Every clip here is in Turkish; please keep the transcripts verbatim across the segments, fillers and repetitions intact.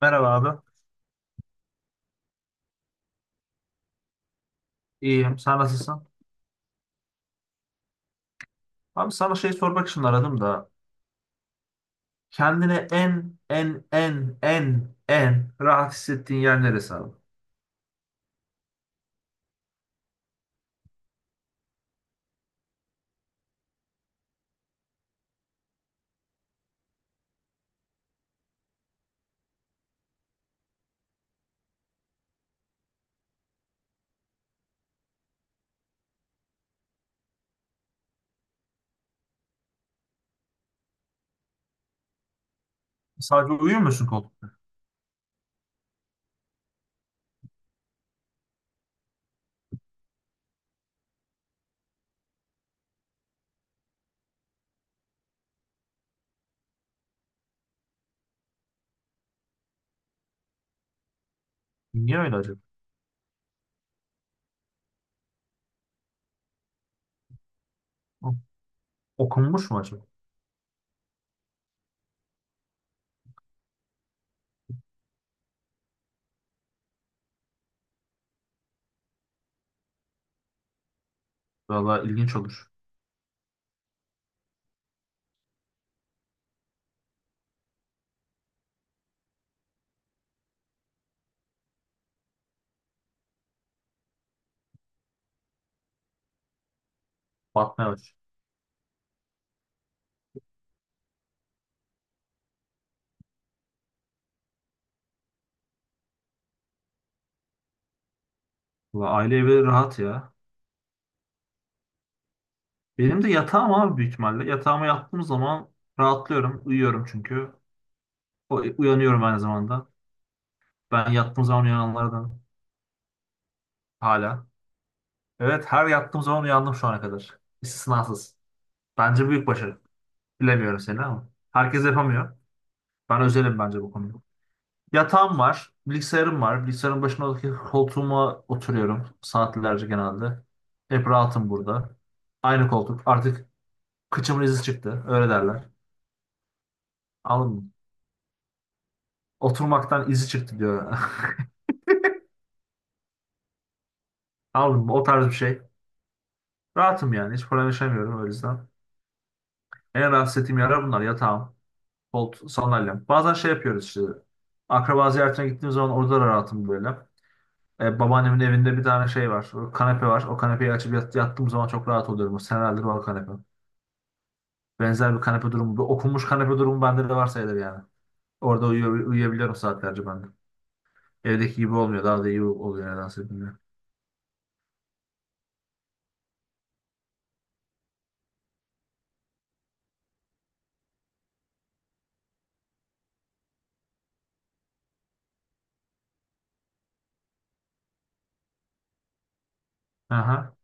Merhaba abi. İyiyim. Sen nasılsın? Abi sana şey sormak için aradım da. Kendine en en en en en rahat hissettiğin yer neresi abi? Sadece uyuyor musun koltukta? Niye öyle acaba? Hı. Okunmuş mu acaba? Valla ilginç olur. Batmaya aç. Valla aile evi rahat ya. Benim de yatağım abi büyük ihtimalle. Yatağıma yattığım zaman rahatlıyorum. Uyuyorum çünkü. O- Uyanıyorum aynı zamanda. Ben yattığım zaman uyananlardan hala. Evet, her yattığım zaman uyandım şu ana kadar. İstisnasız. Bence büyük başarı. Bilemiyorum seni ama. Herkes yapamıyor. Ben özelim bence bu konuda. Yatağım var, bilgisayarım var. Bilgisayarın başındaki koltuğuma oturuyorum. Saatlerce genelde. Hep rahatım burada. Aynı koltuk. Artık kıçımın izi çıktı. Öyle derler. Anladın mı? Oturmaktan izi çıktı diyor. Anladın mı? O tarz bir şey. Rahatım yani. Hiç problem yaşamıyorum o yüzden. En rahatsız ettiğim yerler bunlar. Yatağım, koltuğum, sandalyem. Bazen şey yapıyoruz işte. Akraba ziyaretine gittiğim zaman orada da rahatım böyle. E, babaannemin evinde bir tane şey var. O kanepe var. O kanepeyi açıp yat- yattığım zaman çok rahat oluyorum. O senelerdir var kanepe. Benzer bir kanepe durumu. Bir okunmuş kanepe durumu bende de var sayılır yani. Orada uyuyor, uyuyabiliyorum saatlerce ben de. Evdeki gibi olmuyor. Daha da iyi oluyor nedense, bilmiyorum. Aha,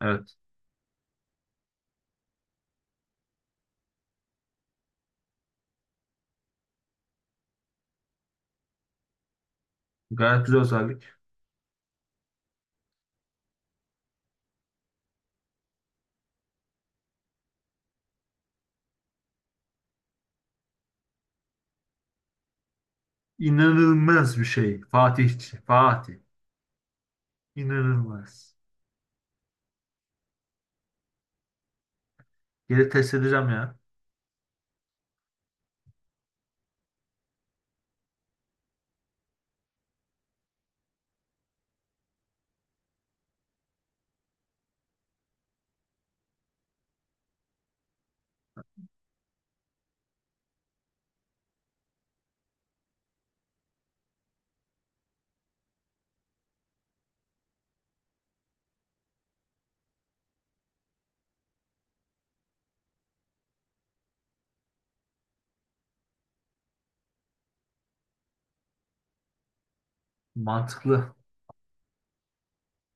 evet. Gayet güzel özellik. İnanılmaz bir şey. Fatih. Fatih. İnanılmaz. Geri test edeceğim ya. Mantıklı.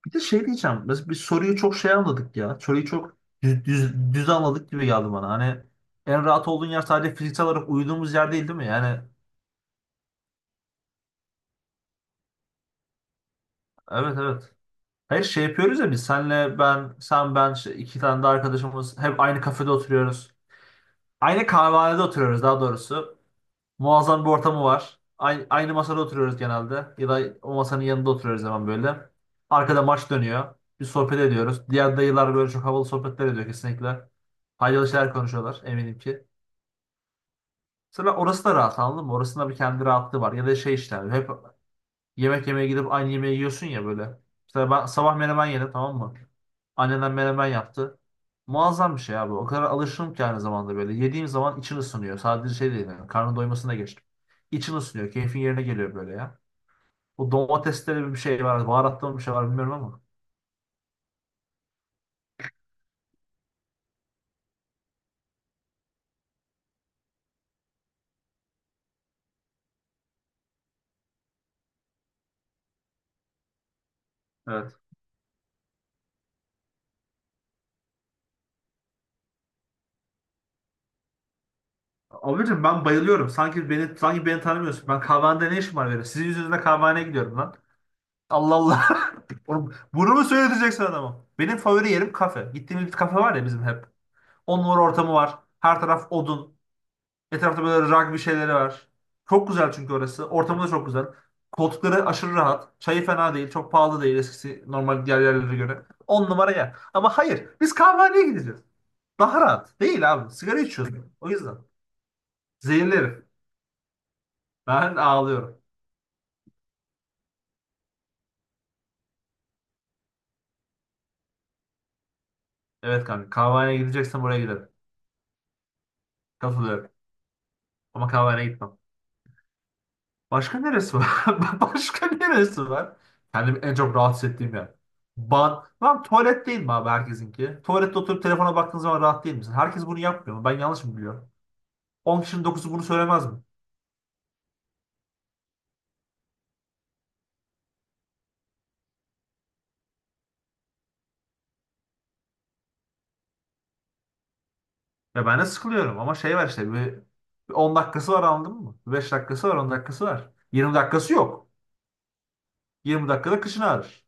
Bir de şey diyeceğim. Biz, biz soruyu çok şey anladık ya. Soruyu çok düz, düz, düz anladık gibi geldi bana. Hani en rahat olduğun yer sadece fiziksel olarak uyuduğumuz yer değil, değil mi? Yani evet, evet. Hayır, şey yapıyoruz ya, biz senle ben, sen ben işte iki tane de arkadaşımız, hep aynı kafede oturuyoruz. Aynı kahvehanede oturuyoruz daha doğrusu. Muazzam bir ortamı var. Aynı, aynı masada oturuyoruz genelde. Ya da o masanın yanında oturuyoruz hemen böyle. Arkada maç dönüyor. Bir sohbet ediyoruz. Diğer dayılar böyle çok havalı sohbetler ediyor kesinlikle. Faydalı şeyler konuşuyorlar eminim ki. Sonra orası da rahat, anladın mı? Orasında bir kendi rahatlığı var. Ya da şey işte hep. Yemek yemeye gidip aynı yemeği yiyorsun ya böyle. Mesela ben sabah menemen yedim, tamam mı? Annemden, menemen yaptı. Muazzam bir şey abi. O kadar alışırım ki aynı zamanda böyle. Yediğim zaman için ısınıyor. Sadece şey değil yani. Karnın doymasına geçtim. İçin ısınıyor. Keyfin yerine geliyor böyle ya. Bu domatesleri bir şey var. Baharatlı mı bir şey var bilmiyorum ama. Evet. Abicim ben bayılıyorum. Sanki beni sanki beni tanımıyorsun. Ben kahvehanede ne işim var benim? Sizin yüzünüzden kahvehaneye gidiyorum lan. Allah Allah. Oğlum, bunu mu söyleteceksin adama? Benim favori yerim kafe. Gittiğimiz bir kafe var ya bizim, hep. On numara ortamı var. Her taraf odun. Etrafta böyle rugby şeyleri var. Çok güzel çünkü orası. Ortamı da çok güzel. Koltukları aşırı rahat. Çayı fena değil. Çok pahalı değil, eskisi normal diğer yerlere göre. On numara yer. Ama hayır. Biz kahvehaneye gideceğiz. Daha rahat. Değil abi. Sigara içiyoruz. O yüzden. Zehirli herif. Ben ağlıyorum. Evet kanka. Kahvehaneye gideceksen buraya gidelim. Katılıyorum. Ama kahvehaneye gitmem. Başka neresi var? Başka neresi var? Kendimi en çok rahatsız ettiğim yer. Ban. Lan, tuvalet değil mi abi, herkesinki? Tuvalette oturup telefona baktığın zaman rahat değil misin? Herkes bunu yapmıyor mu? Ben yanlış mı biliyorum? On kişinin dokuzu bunu söylemez mi? Ya ben de sıkılıyorum ama şey var işte, bir, bir on dakikası var, anladın mı? Beş dakikası var, on dakikası var. Yirmi dakikası yok. yirmi dakikada kışın ağrır.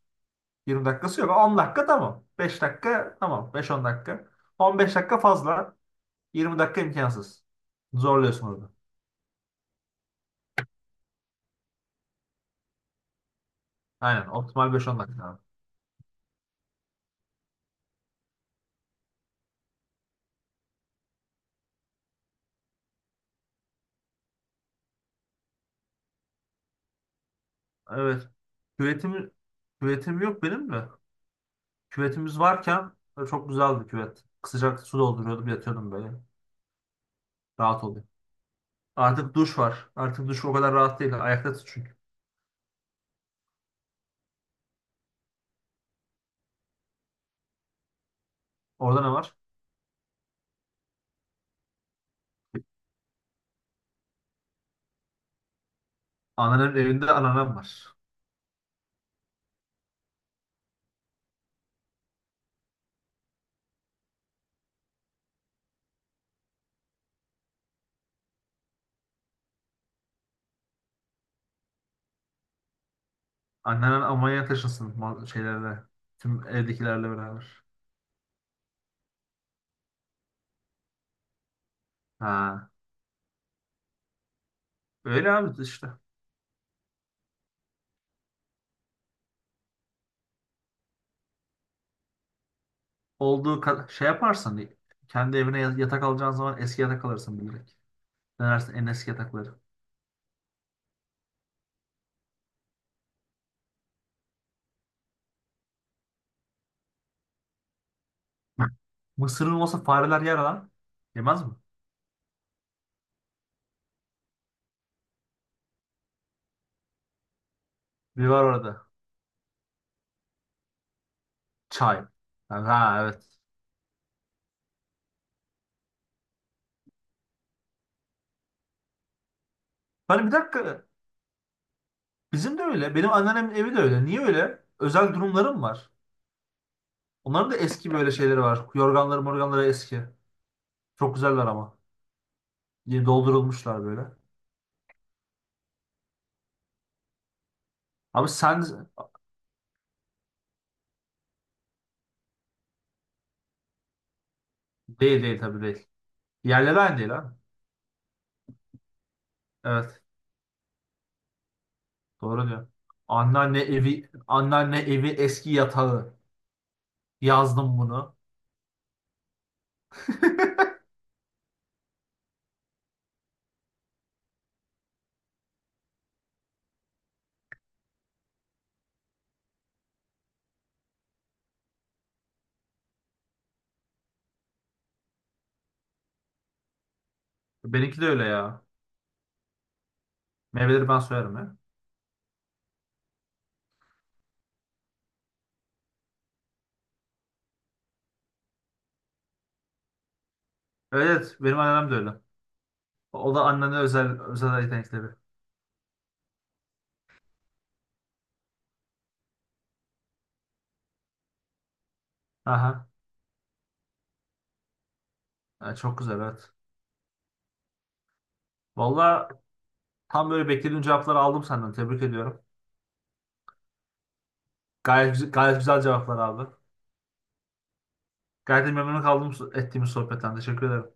Yirmi dakikası yok. On dakika tamam. Beş dakika tamam. beş on dakika. On beş dakika fazla. Yirmi dakika imkansız. Zorluyorsun orada. Aynen, optimal beş on dakika abi. Evet. Küvetim, küvetim yok benim de. Küvetimiz varken e, çok güzeldi küvet. Sıcak su dolduruyordum, yatıyordum böyle. Rahat oluyor. Artık duş var. Artık duş o kadar rahat değil. Ayakta tut çünkü. Orada ne var? Annenin evinde anneannem var. Anneannem Almanya'ya taşınsın ma- şeylerle. Tüm evdekilerle beraber. Ha. Öyle abi işte. Olduğu kadar şey yaparsan, kendi evine ya- yatak alacağın zaman eski yatak alırsın bilerek. Denersin en eski yatakları. Mısır'ın olsa fareler yer lan. Yemez mi? Bir var orada. Çay. Yani, ha, evet. Hani bir dakika. Bizim de öyle. Benim anneannemin evi de öyle. Niye öyle? Özel durumlarım var. Onların da eski böyle şeyleri var. Yorganları morganları eski. Çok güzeller ama. Yeni doldurulmuşlar böyle. Abi sen... Değil, değil, tabii değil. Yerleri aynı değil ha. Evet. Doğru diyor. Anneanne evi, anneanne evi eski yatağı. Yazdım bunu. Benimki de öyle ya. Meyveleri ben soyarım ya. Evet, benim annem de öyle. O da annenin özel özel yetenekleri. Aha. Ha, çok güzel, evet. Valla, tam böyle beklediğim cevapları aldım senden. Tebrik ediyorum. Gayet, güz- gayet güzel cevaplar abi. Gayet de memnun kaldım so- ettiğimiz sohbetten. Teşekkür ederim.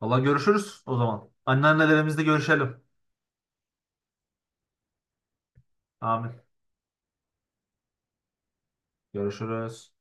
Valla, görüşürüz o zaman. Anneannelerimizle görüşelim. Amin. Görüşürüz.